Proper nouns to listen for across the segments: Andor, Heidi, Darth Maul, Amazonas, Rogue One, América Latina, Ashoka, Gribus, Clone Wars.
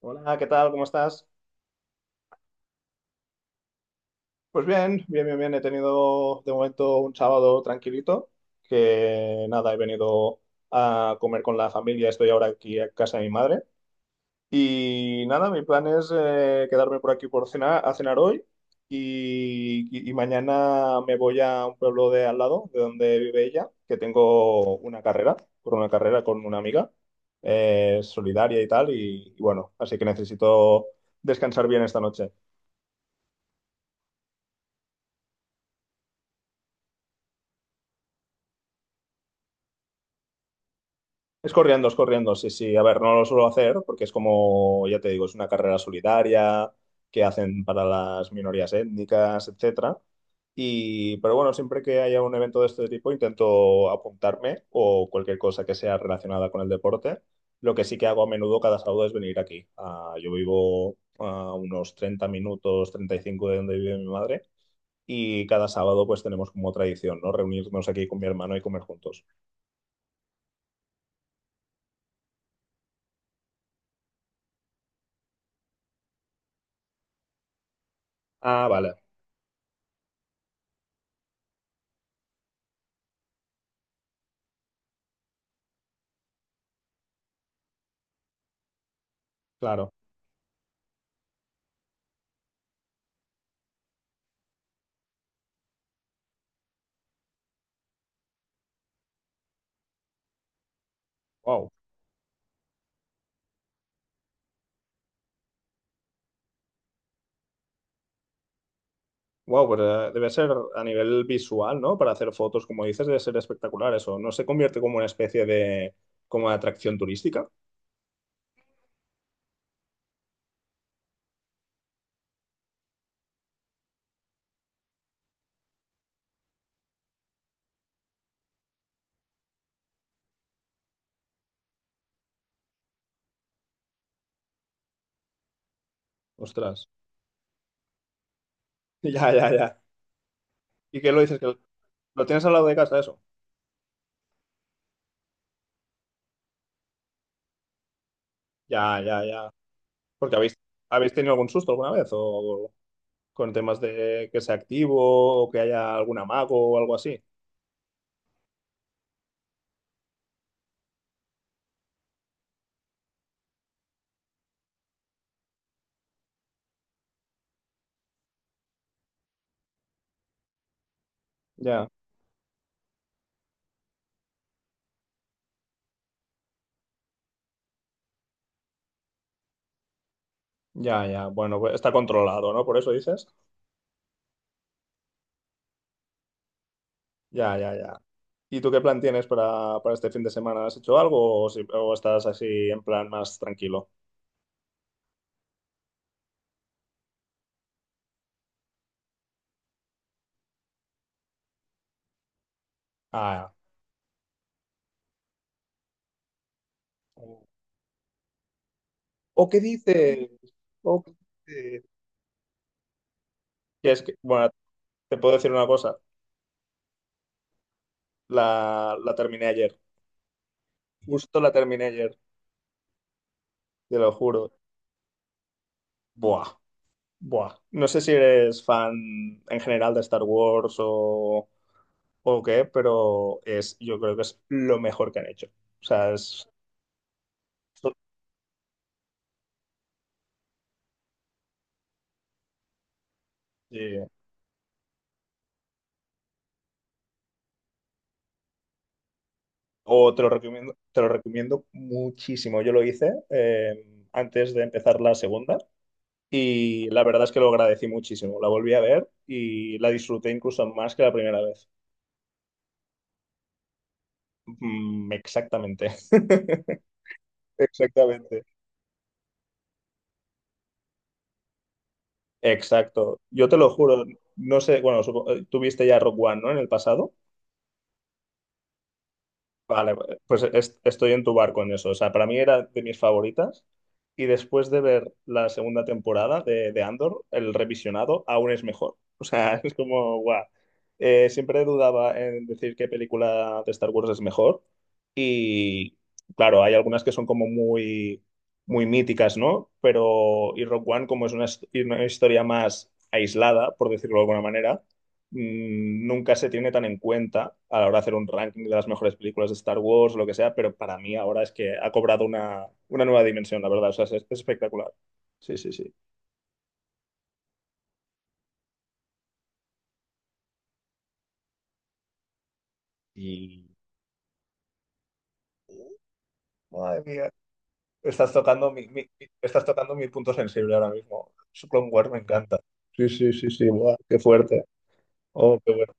Hola, ¿qué tal? ¿Cómo estás? Pues bien, bien, bien, bien. He tenido de momento un sábado tranquilito, que nada, he venido a comer con la familia, estoy ahora aquí a casa de mi madre. Y nada, mi plan es quedarme por aquí por cenar, a cenar hoy y mañana me voy a un pueblo de al lado, de donde vive ella, que tengo una carrera, por una carrera con una amiga solidaria y tal, y bueno, así que necesito descansar bien esta noche. Es corriendo, sí, sí. A ver, no lo suelo hacer porque es como, ya te digo, es una carrera solidaria que hacen para las minorías étnicas, etcétera. Y, pero bueno, siempre que haya un evento de este tipo intento apuntarme o cualquier cosa que sea relacionada con el deporte. Lo que sí que hago a menudo cada sábado es venir aquí. Ah, yo vivo a unos 30 minutos, 35 de donde vive mi madre. Y cada sábado pues tenemos como tradición, ¿no? Reunirnos aquí con mi hermano y comer juntos. Ah, vale, claro. Wow. Wow, pues debe ser a nivel visual, ¿no? Para hacer fotos, como dices, debe ser espectacular eso. ¿No se convierte como una especie de, como de atracción turística? Ostras. Ya, ya, ya. ¿Y qué lo dices? ¿Que lo tienes al lado de casa eso? Ya, ya, ya. Porque habéis, ¿habéis tenido algún susto alguna vez? ¿O con temas de que sea activo o que haya algún amago o algo así? Ya, ya, ya. Bueno, pues está controlado, ¿no? Por eso dices. Ya, ya, ya. ¿Y tú qué plan tienes para este fin de semana? ¿Has hecho algo o, o estás así en plan más tranquilo? Ah, ¿o qué dices? ¿O qué dices? Y es que, bueno, te puedo decir una cosa. La terminé ayer. Justo la terminé ayer, te lo juro. Buah, buah. No sé si eres fan en general de Star Wars o qué, pero es, yo creo que es lo mejor que han hecho. O sea, es... Sí. O te lo recomiendo muchísimo. Yo lo hice antes de empezar la segunda y la verdad es que lo agradecí muchísimo. La volví a ver y la disfruté incluso más que la primera vez. Mm, exactamente. Exactamente. Exacto. Yo te lo juro, no sé, bueno, tuviste ya Rock One, ¿no? En el pasado. Vale, pues estoy en tu barco en eso. O sea, para mí era de mis favoritas. Y después de ver la segunda temporada de Andor, el revisionado aún es mejor. O sea, es como, guau. Siempre dudaba en decir qué película de Star Wars es mejor. Y claro, hay algunas que son como muy, muy míticas, ¿no? Pero, y Rogue One, como es una, una historia más aislada, por decirlo de alguna manera mm, nunca se tiene tan en cuenta a la hora de hacer un ranking de las mejores películas de Star Wars o lo que sea, pero para mí ahora es que ha cobrado una nueva dimensión, la verdad. O sea, es espectacular. Sí, sí, sí. Y madre mía, estás tocando mi punto sensible ahora mismo. Su Clone Wars me encanta. Sí, sí, sí, sí, buah, qué fuerte. Oh, qué bueno.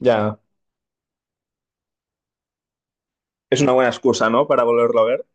Ya, es una buena excusa, ¿no? Para volverlo a ver.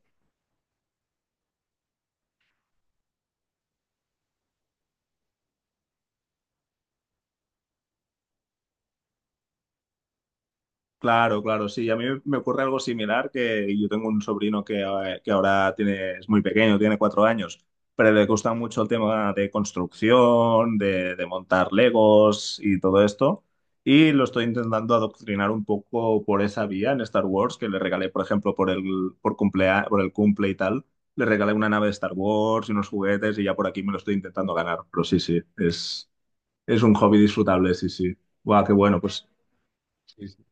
Claro, claro, sí. A mí me ocurre algo similar que yo tengo un sobrino que ahora tiene, es muy pequeño, tiene 4 años, pero le gusta mucho el tema de construcción, de montar Legos y todo esto. Y lo estoy intentando adoctrinar un poco por esa vía en Star Wars, que le regalé, por ejemplo, por el cumple y tal, le regalé una nave de Star Wars y unos juguetes y ya por aquí me lo estoy intentando ganar. Pero sí, sí, es un hobby disfrutable, sí, sí. Guau, qué bueno, pues. Sí, sí.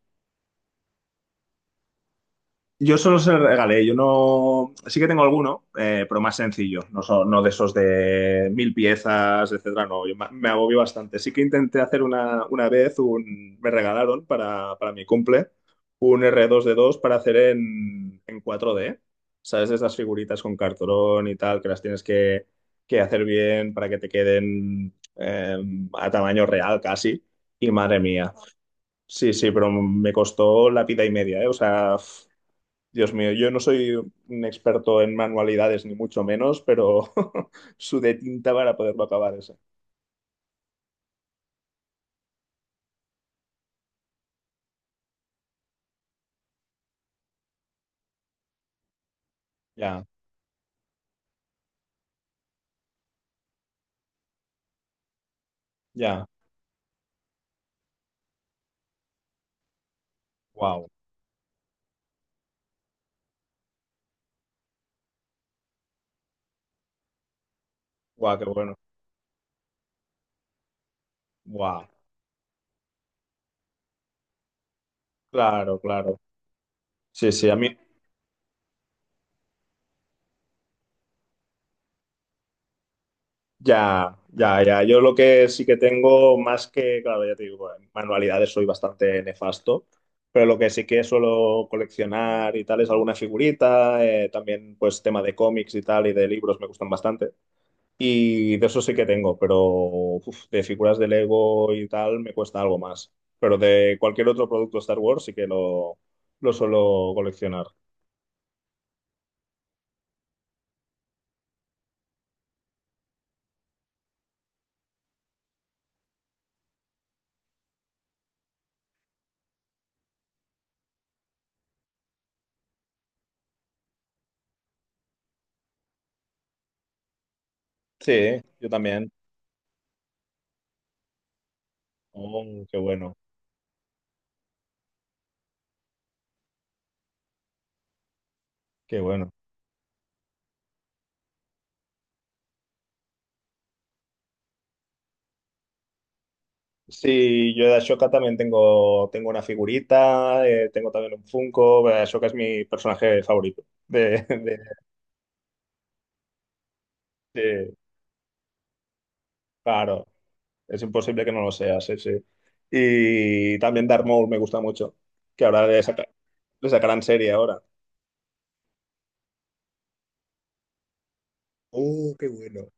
Yo solo se los regalé, yo no. Sí que tengo alguno, pero más sencillo. No, son, no de esos de 1.000 piezas, etcétera. No, yo me agobio bastante. Sí que intenté hacer una vez, un... me regalaron para mi cumple un R2-D2 para hacer en 4D. ¿Sabes? Esas figuritas con cartón y tal, que las tienes que hacer bien para que te queden a tamaño real casi. Y madre mía. Sí, sí, pero me costó la pita y media, ¿eh? O sea, Dios mío, yo no soy un experto en manualidades, ni mucho menos, pero sudé tinta para poderlo acabar ese. Ya, ya. Wow. Wow, qué bueno. Wow. Claro, claro. Sí, sí, a mí. Ya, ya, ya. Yo lo que sí que tengo, más que, claro, ya te digo, en manualidades soy bastante nefasto, pero lo que sí que suelo coleccionar y tal es alguna figurita, también pues tema de cómics y tal y de libros me gustan bastante. Y de eso sí que tengo, pero uf, de figuras de Lego y tal me cuesta algo más. Pero de cualquier otro producto Star Wars sí que lo suelo coleccionar. Sí, yo también. Oh, qué bueno, qué bueno. Sí, yo de Ashoka también tengo, tengo una figurita, tengo también un Funko. Ashoka es mi personaje favorito. De, de- de- claro, es imposible que no lo sea, sí, sí. Y también Darth Maul me gusta mucho, que ahora le sacarán serie ahora. Oh, qué bueno.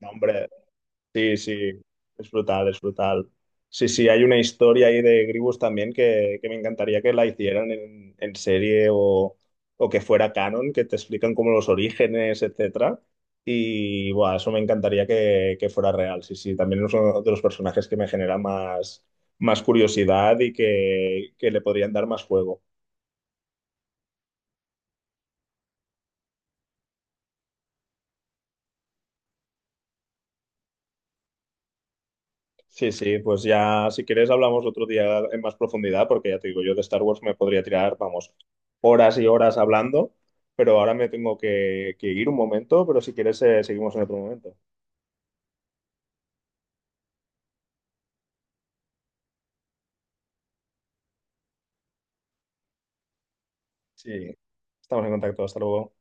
No, hombre, sí, sí, es brutal, es brutal. Sí, sí, hay una historia ahí de Gribus también que me encantaría que la hicieran en serie o que fuera canon, que te explican como los orígenes, etcétera. Y bueno, eso me encantaría que fuera real. Sí, sí, también es uno de los personajes que me genera más, más curiosidad y que le podrían dar más juego. Sí, sí, pues ya si quieres hablamos otro día en más profundidad, porque ya te digo, yo de Star Wars me podría tirar, vamos, horas y horas hablando, pero ahora me tengo que ir un momento, pero si quieres seguimos en otro momento. Sí, estamos en contacto, hasta luego.